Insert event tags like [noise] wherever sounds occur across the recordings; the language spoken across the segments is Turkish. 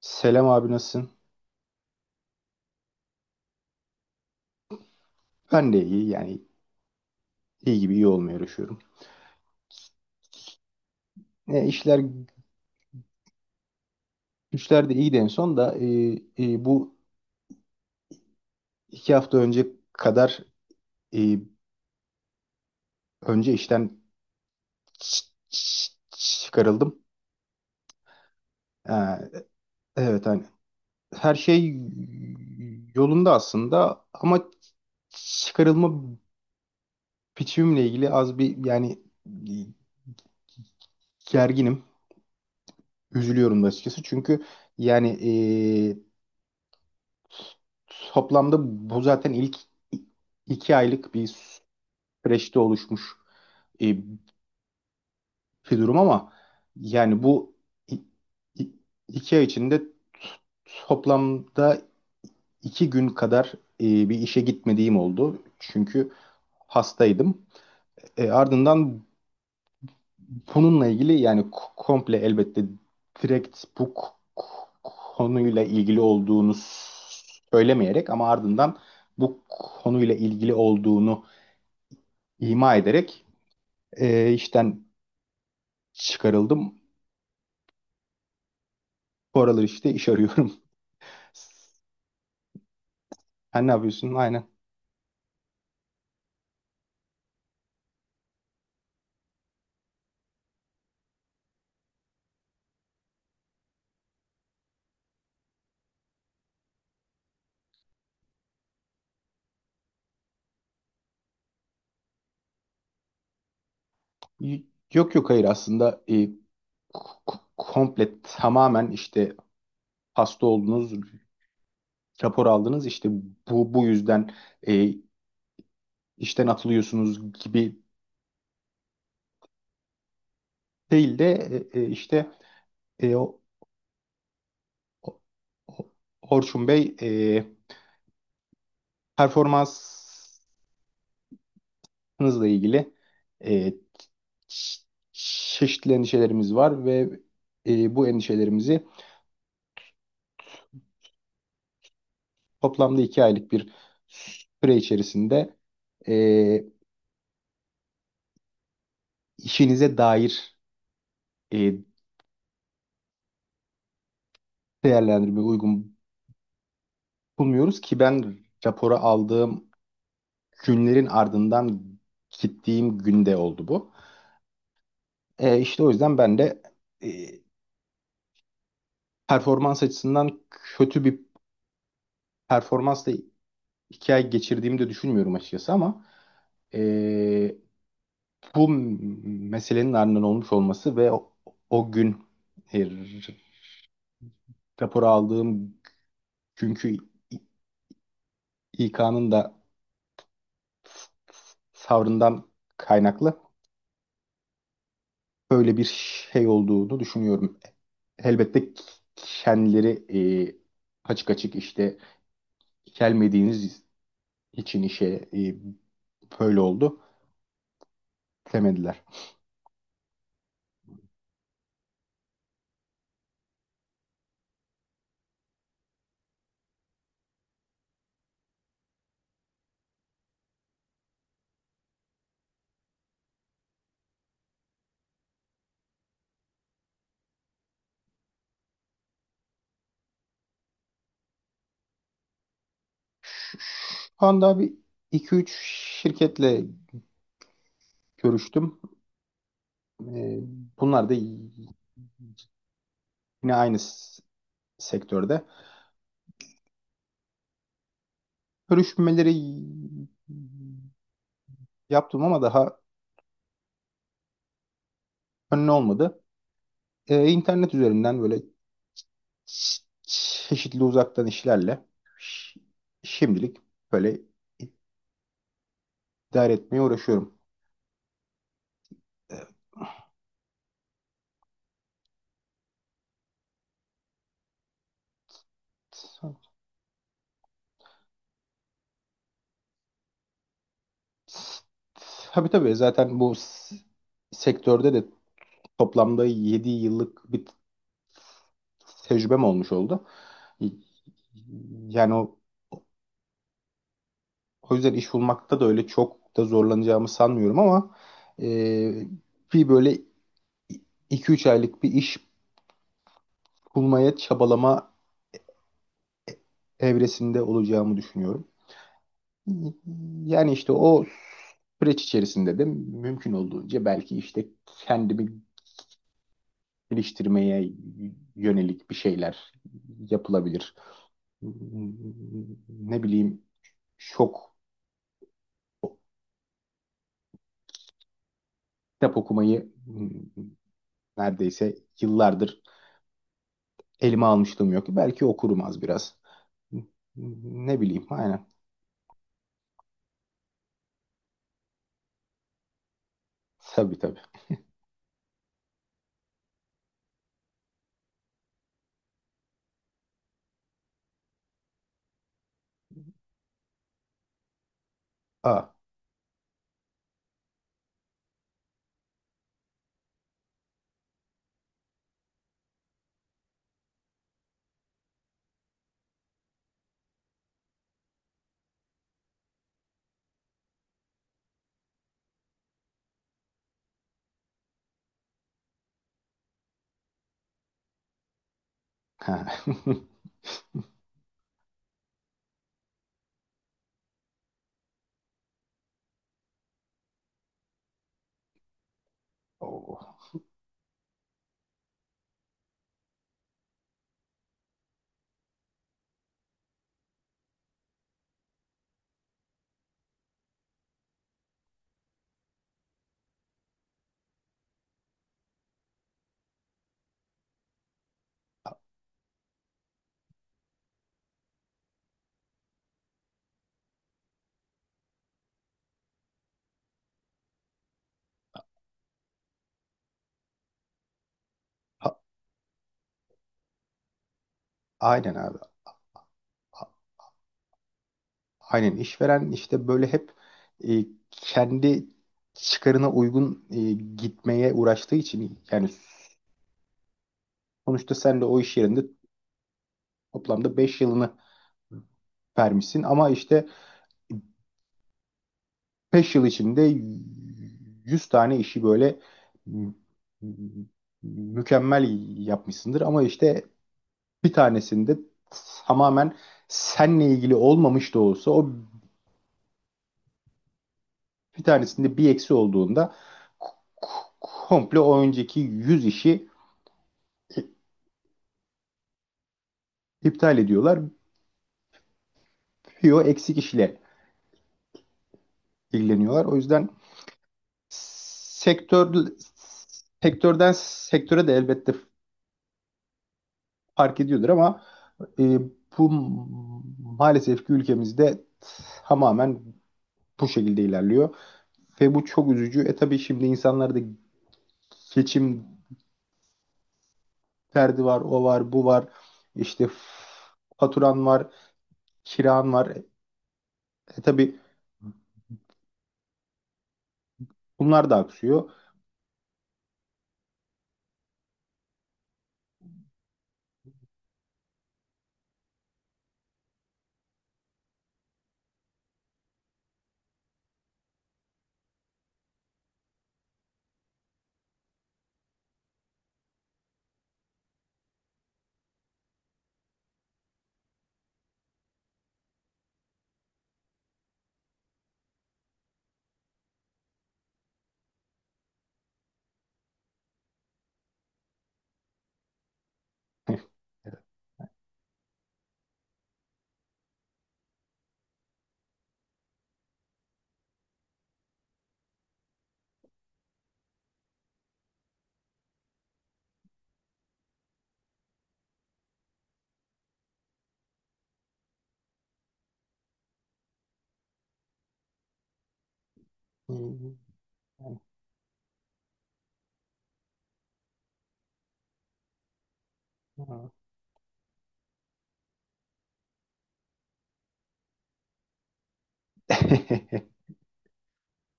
Selam abi nasılsın? Ben de iyi yani iyi gibi iyi olmaya uğraşıyorum. İşler güçler de iyiydi en son da bu 2 hafta önce kadar e, önce işten ç- ç- çıkarıldım. E, evet hani her şey yolunda aslında ama çıkarılma biçimimle ilgili az bir yani gerginim. Üzülüyorum da açıkçası çünkü yani e, toplamda bu zaten ilk 2 aylık bir süreçte oluşmuş e, bir durum ama yani bu i- i- 2 ay içinde toplamda 2 gün kadar e, bir işe gitmediğim oldu. Çünkü hastaydım. Ardından bununla ilgili yani komple elbette direkt bu k- konuyla ilgili olduğunu söylemeyerek ama ardından bu konuyla ilgili olduğunu ima ederek işten çıkarıldım. Bu aralar işte iş arıyorum. [laughs] Sen ne yapıyorsun? Aynen. Y- Yok yok hayır aslında komple tamamen işte hasta oldunuz, rapor aldınız işte bu yüzden e, işten atılıyorsunuz gibi değil de işte e, o, o- o- Orçun Bey performansınızla ilgili e, ç- çeşitli endişelerimiz var ve bu endişelerimizi toplamda 2 aylık bir süre içerisinde e, işinize dair e, değerlendirmeye uygun bulmuyoruz ki ben rapora aldığım günlerin ardından gittiğim günde oldu bu. İşte o yüzden ben de e, performans açısından kötü bir performansla 2 ay geçirdiğimi de düşünmüyorum açıkçası ama e, bu meselenin ardından olmuş olması ve o gün e, raporu aldığım günkü İK'nın da savrından kaynaklı böyle bir şey olduğunu düşünüyorum. Elbette kendileri e, açık açık işte gelmediğiniz için işe e, böyle oldu demediler. Şu anda bir iki üç şirketle görüştüm. E, Bunlar da yine aynı sektörde. Görüşmeleri yaptım ama daha önüne olmadı. İnternet üzerinden böyle çeşitli uzaktan işlerle ş- şimdilik böyle idare etmeye uğraşıyorum. Tabii tabii zaten bu sektörde de toplamda 7 yıllık bir tecrübem olmuş oldu. Yani o yüzden iş bulmakta da öyle çok da zorlanacağımı sanmıyorum ama e, bir böyle 2-3 aylık bir iş bulmaya çabalama evresinde olacağımı düşünüyorum. Yani işte o süreç içerisinde de mümkün olduğunca belki işte kendimi geliştirmeye yönelik bir şeyler yapılabilir. Ne bileyim çok kitap okumayı neredeyse yıllardır elime almışlığım yok. Belki okurum az biraz. Ne bileyim aynen. Tabii tabii. Aa. Ha. [laughs] O- a- Aynen abi. A- Aynen işveren işte böyle hep e, kendi çıkarına uygun gitmeye uğraştığı için yani sonuçta sen de o iş yerinde toplamda 5 yılını vermişsin ama işte 5 yıl içinde 100 tane işi böyle mü- mükemmel yapmışsındır ama işte bir tanesinde tamamen seninle ilgili olmamış da olsa o bir tanesinde bir eksi olduğunda komple o önceki 100 işi iptal ediyorlar. Bir o eksik işle ilgileniyorlar. O yüzden sektör sektörden sektöre de elbette fark ediyordur ama e, bu maalesef ki ülkemizde tamamen bu şekilde ilerliyor. Ve bu çok üzücü. Tabii şimdi insanlarda geçim derdi var, o var, bu var. İşte faturan var, kiran var. Tabii bunlar da aksıyor. [laughs]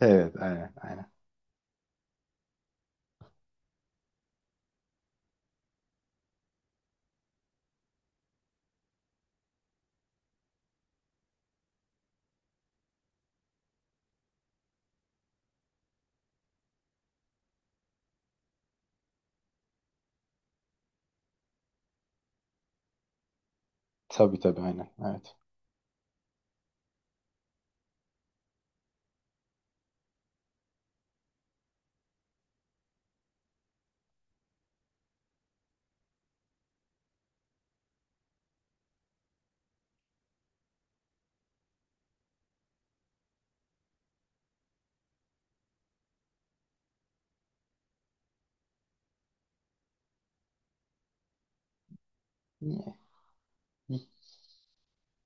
Evet, aynen, aynen. Tabii tabii, aynen. Evet.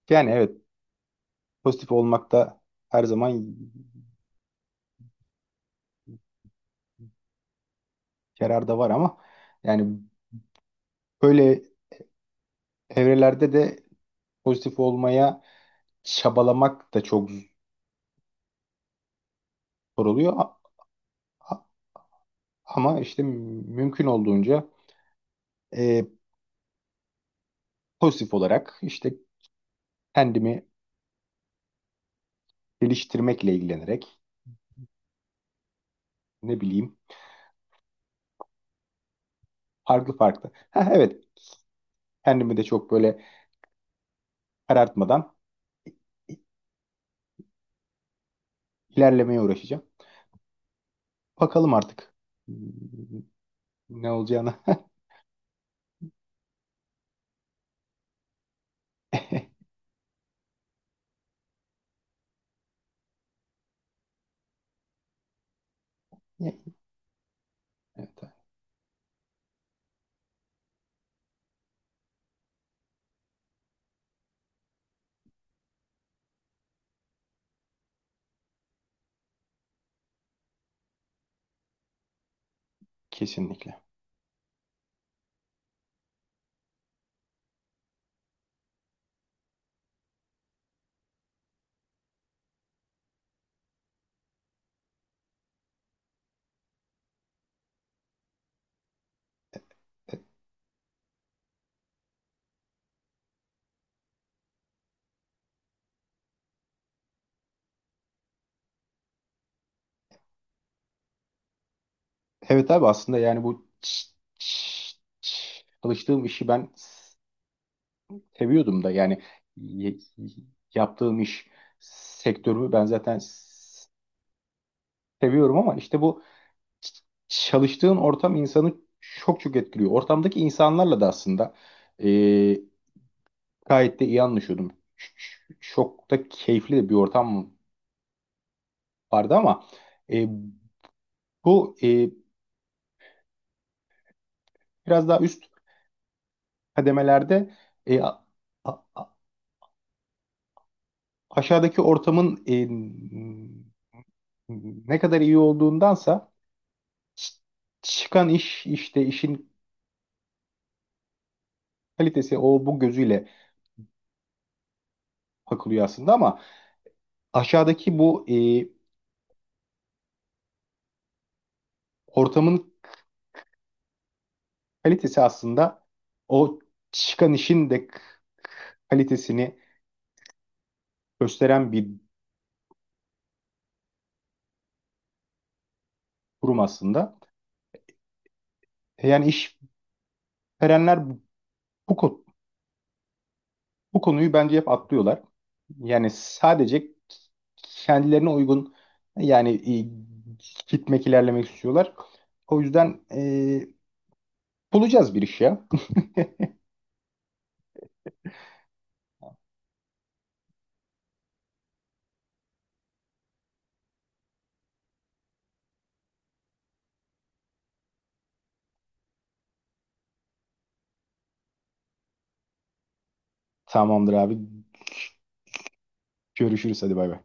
Yani evet, pozitif olmakta her zaman yarar da var ama yani böyle evrelerde de pozitif olmaya çabalamak da çok zor oluyor. A- Ama işte mümkün olduğunca e, pozitif olarak işte kendimi geliştirmekle ilgilenerek ne bileyim farklı farklı. Ha, evet. Kendimi de çok böyle karartmadan ilerlemeye uğraşacağım. Bakalım artık hmm, ne olacağını. [laughs] Evet, kesinlikle. Evet abi aslında yani bu ç- çalıştığım işi ben seviyordum da yani y- yaptığım iş sektörümü ben zaten seviyorum ama işte bu ç- çalıştığın ortam insanı çok çok etkiliyor. Ortamdaki insanlarla da aslında gayet de iyi anlaşıyordum. Çok da keyifli de bir ortam vardı ama e, bu biraz daha üst kademelerde e, a- a- a- aşağıdaki ortamın ne kadar iyi olduğundansa ç- çıkan iş işte işin kalitesi o bu gözüyle bakılıyor aslında ama aşağıdaki bu ortamın kalitesi aslında o çıkan işin de kalitesini gösteren bir durum aslında. Yani işverenler bu ko- bu konuyu bence hep atlıyorlar. Yani sadece kendilerine uygun yani e, gitmek ilerlemek istiyorlar. O yüzden bulacağız bir iş ya. [laughs] Tamamdır abi. Görüşürüz hadi bay bay.